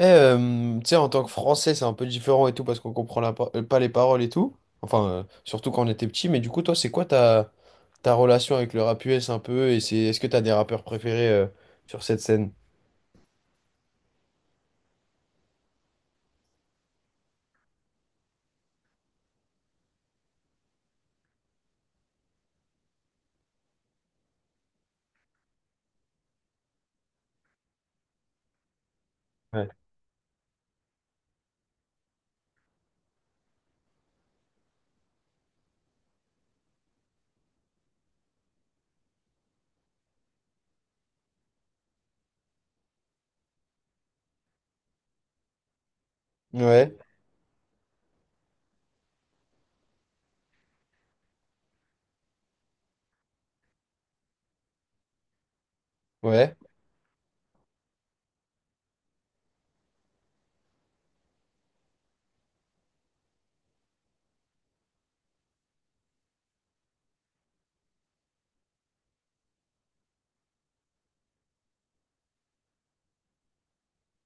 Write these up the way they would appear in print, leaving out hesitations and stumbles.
Eh, tu sais, en tant que Français, c'est un peu différent et tout parce qu'on comprend pas les paroles et tout. Enfin, surtout quand on était petit. Mais du coup, toi, c'est quoi ta relation avec le rap US un peu? Est-ce que t'as des rappeurs préférés sur cette scène? Ouais. Ouais, ouais,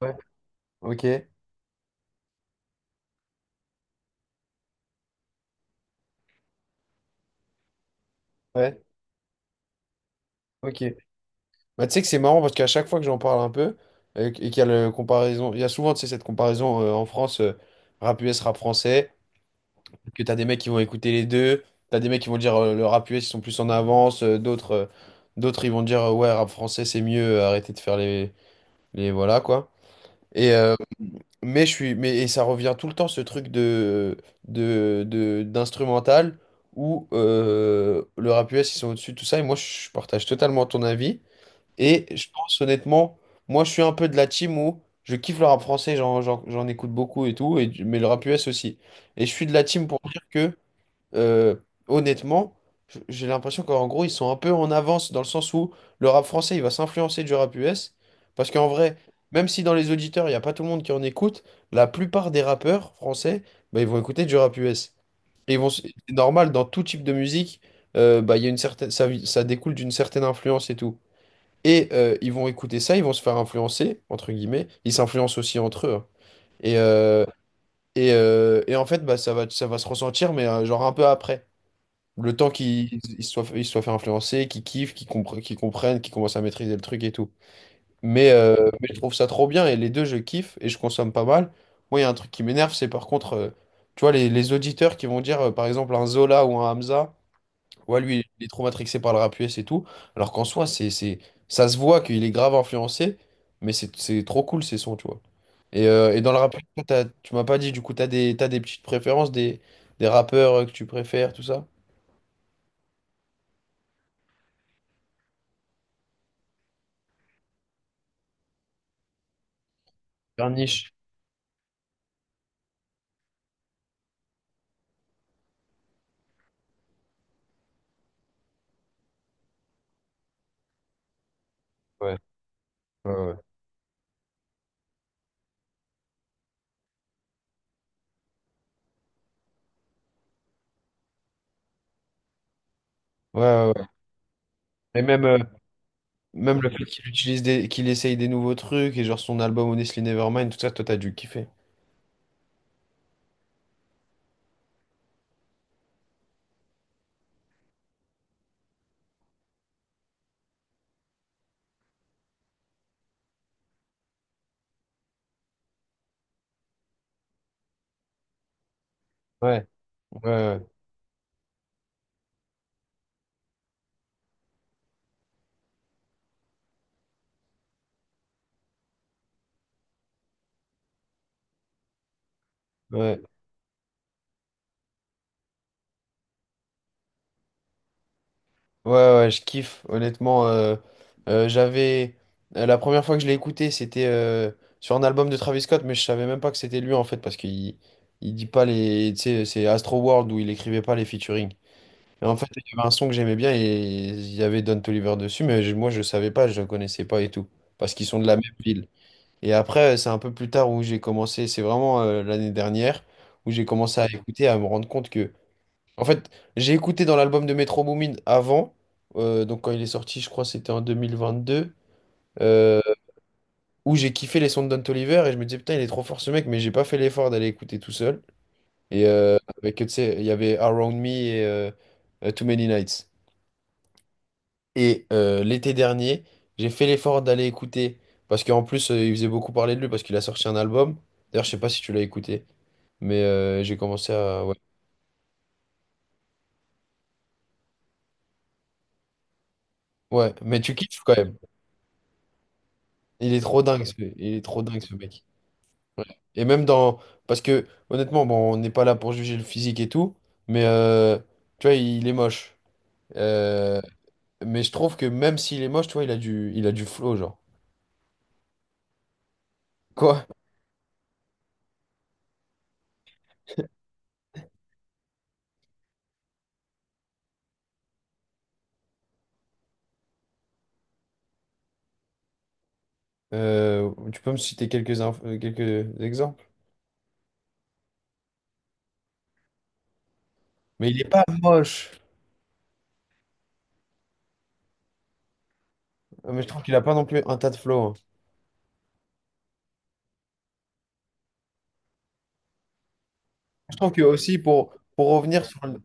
ouais, ok, ouais, ok. Bah, tu sais que c'est marrant parce qu'à chaque fois que j'en parle un peu et qu'il y a le comparaison, il y a souvent, tu sais, cette comparaison en France, rap US, rap français. Que t'as des mecs qui vont écouter les deux, t'as des mecs qui vont dire le rap US ils sont plus en avance, d'autres ils vont dire ouais rap français c'est mieux, arrêtez de faire les voilà quoi. Et mais je suis mais et ça revient tout le temps ce truc d'instrumental où le rap US ils sont au-dessus de tout ça et moi je partage totalement ton avis et je pense honnêtement moi je suis un peu de la team où je kiffe le rap français, j'en écoute beaucoup et tout, mais le rap US aussi. Et je suis de la team pour dire que euh, honnêtement, j'ai l'impression qu'en gros, ils sont un peu en avance dans le sens où le rap français, il va s'influencer du rap US. Parce qu'en vrai, même si dans les auditeurs, il n'y a pas tout le monde qui en écoute, la plupart des rappeurs français, bah, ils vont écouter du rap US. Et ils vont, s- c'est normal, dans tout type de musique, bah, il y a une certaine, ça découle d'une certaine influence et tout. Et ils vont écouter ça, ils vont se faire influencer, entre guillemets. Ils s'influencent aussi entre eux, hein. Et, euh, et en fait, bah, ça va se ressentir, mais genre un peu après. Le temps qu'ils ils se soient fait influencer, qu'ils kiffent, qu'ils comprennent, qu'ils commencent à maîtriser le truc et tout. Mais je trouve ça trop bien et les deux, je kiffe et je consomme pas mal. Moi, il y a un truc qui m'énerve, c'est par contre, tu vois, les auditeurs qui vont dire, par exemple, un Zola ou un Hamza, ouais, lui, il est trop matrixé par le rap US et tout. Alors qu'en soi, ça se voit qu'il est grave influencé, mais c'est trop cool ces sons, tu vois. Et dans le rap, toi, tu m'as pas dit, du coup, t'as des petites préférences, des rappeurs que tu préfères, tout ça? Faire niche. Ouais, ouais. Ouais, ouais, ouais. Et même, même le fait qu'il utilise des, qu'il essaye des nouveaux trucs et genre son album Honestly Nevermind, tout ça, toi t'as dû kiffer. Ouais, ouais, ouais, ouais, ouais, ouais, je kiffe, honnêtement. J'avais. La première fois que je l'ai écouté, c'était sur un album de Travis Scott, mais je savais même pas que c'était lui en fait, parce qu'il dit pas les. Tu sais, c'est Astro World où il écrivait pas les featuring. Et en fait, il y avait un son que j'aimais bien et il y avait Don Toliver dessus, mais moi je savais pas, je le connaissais pas et tout, parce qu'ils sont de la même ville. Et après, c'est un peu plus tard où j'ai commencé, c'est vraiment l'année dernière, où j'ai commencé à, ouais, écouter, à me rendre compte que. En fait, j'ai écouté dans l'album de Metro Boomin avant, donc quand il est sorti, je crois que c'était en 2022, euh, où j'ai kiffé les sons de Don Toliver, et je me disais, putain, il est trop fort ce mec, mais j'ai pas fait l'effort d'aller écouter tout seul. Et avec, tu sais, il y avait Around Me et Too Many Nights. Et l'été dernier, j'ai fait l'effort d'aller écouter, parce qu'en plus, il faisait beaucoup parler de lui, parce qu'il a sorti un album. D'ailleurs, je sais pas si tu l'as écouté, mais j'ai commencé à. Ouais. Ouais, mais tu kiffes quand même. Il est trop dingue, ce mec. Ouais. Et même dans. Parce que, honnêtement, bon, on n'est pas là pour juger le physique et tout, mais tu vois, il est moche. Euh, Mais je trouve que même s'il est moche, tu vois, il a du flow, genre. Quoi? Tu peux me citer quelques exemples? Mais il n'est pas moche. Mais je trouve qu'il n'a pas non plus un tas de flow, hein. Je trouve que aussi pour revenir sur le.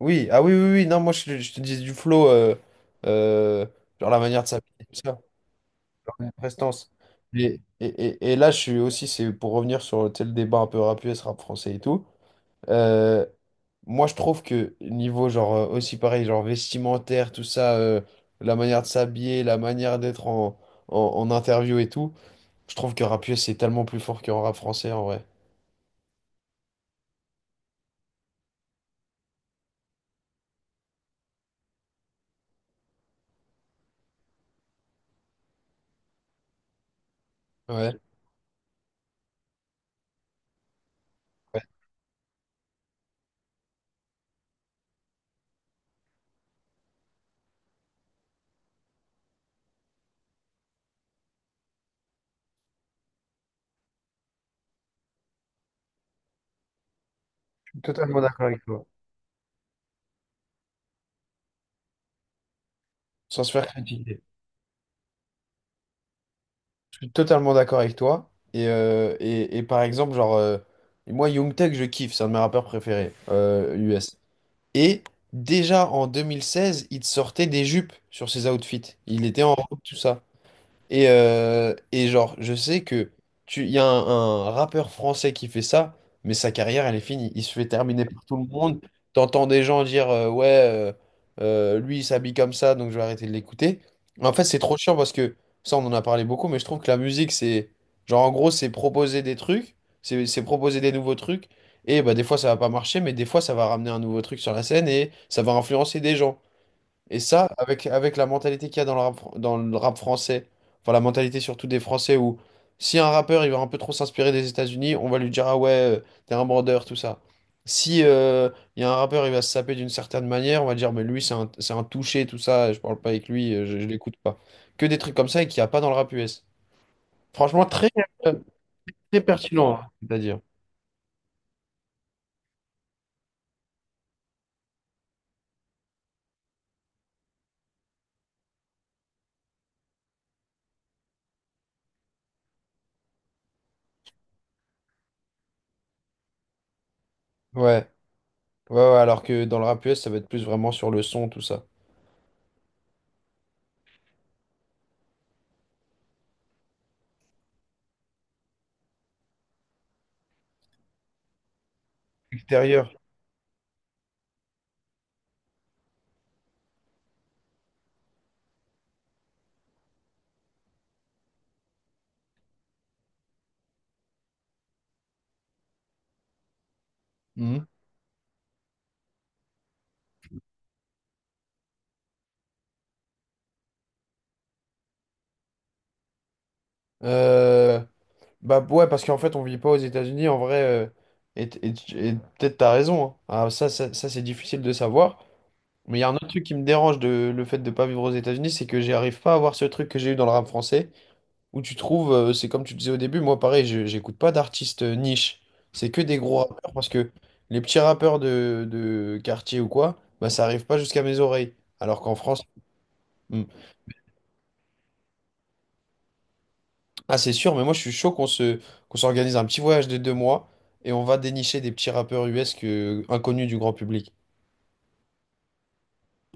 Oui, ah oui, oui, oui, non, moi je te dis du flow, euh, genre la manière de s'habiller, tout ça, la prestance. Et là, je suis aussi, c'est pour revenir sur tu sais, le débat un peu rap US, rap français et tout. euh, moi, je trouve que niveau, genre, aussi pareil, genre vestimentaire, tout ça, la manière de s'habiller, la manière d'être en interview et tout, je trouve que rap US, c'est tellement plus fort qu'en rap français en vrai. Ouais. Ouais, je suis totalement d'accord avec toi, sans se faire critiquer. Je suis totalement d'accord avec toi. Et par exemple, genre, moi, Young Thug, je kiffe, c'est un de mes rappeurs préférés, US. Et déjà en 2016, il te sortait des jupes sur ses outfits. Il était en robe, tout ça. Et genre, je sais que il y a un rappeur français qui fait ça, mais sa carrière, elle est finie. Il se fait terminer par tout le monde. T'entends des gens dire ouais, lui, il s'habille comme ça, donc je vais arrêter de l'écouter. En fait, c'est trop chiant parce que ça, on en a parlé beaucoup, mais je trouve que la musique, c'est genre, en gros, c'est proposer des trucs, c'est proposer des nouveaux trucs. Et bah, des fois, ça va pas marcher, mais des fois, ça va ramener un nouveau truc sur la scène et ça va influencer des gens. Et ça, avec la mentalité qu'il y a dans le rap français, enfin la mentalité surtout des Français où si un rappeur il va un peu trop s'inspirer des États-Unis, on va lui dire ah ouais, t'es un bandeur, tout ça. Si il y a un rappeur, il va se saper d'une certaine manière, on va dire mais lui c'est un touché, tout ça, je parle pas avec lui, je l'écoute pas. Que des trucs comme ça et qu'il n'y a pas dans le rap US. Franchement, euh, très pertinent, hein, c'est-à-dire. Ouais, ouais, ouais, alors que dans le rap US, ça va être plus vraiment sur le son, tout ça. Extérieur. Mhm. Euh, Bah ouais, parce qu'en fait, on vit pas aux États-Unis, en vrai, et, et- et peut-être t'as raison, hein. Ah, ça, c'est difficile de savoir. Mais il y a un autre truc qui me dérange de le fait de pas vivre aux États-Unis, c'est que j'arrive pas à avoir ce truc que j'ai eu dans le rap français, où tu trouves, c'est comme tu disais au début, moi pareil, j'écoute pas d'artistes niche. C'est que des gros rappeurs, parce que les petits rappeurs de quartier ou quoi, bah ça arrive pas jusqu'à mes oreilles. Alors qu'en France, hmm. Ah, c'est sûr, mais moi je suis chaud qu'on s'organise un petit voyage de 2 mois et on va dénicher des petits rappeurs US que, inconnus du grand public.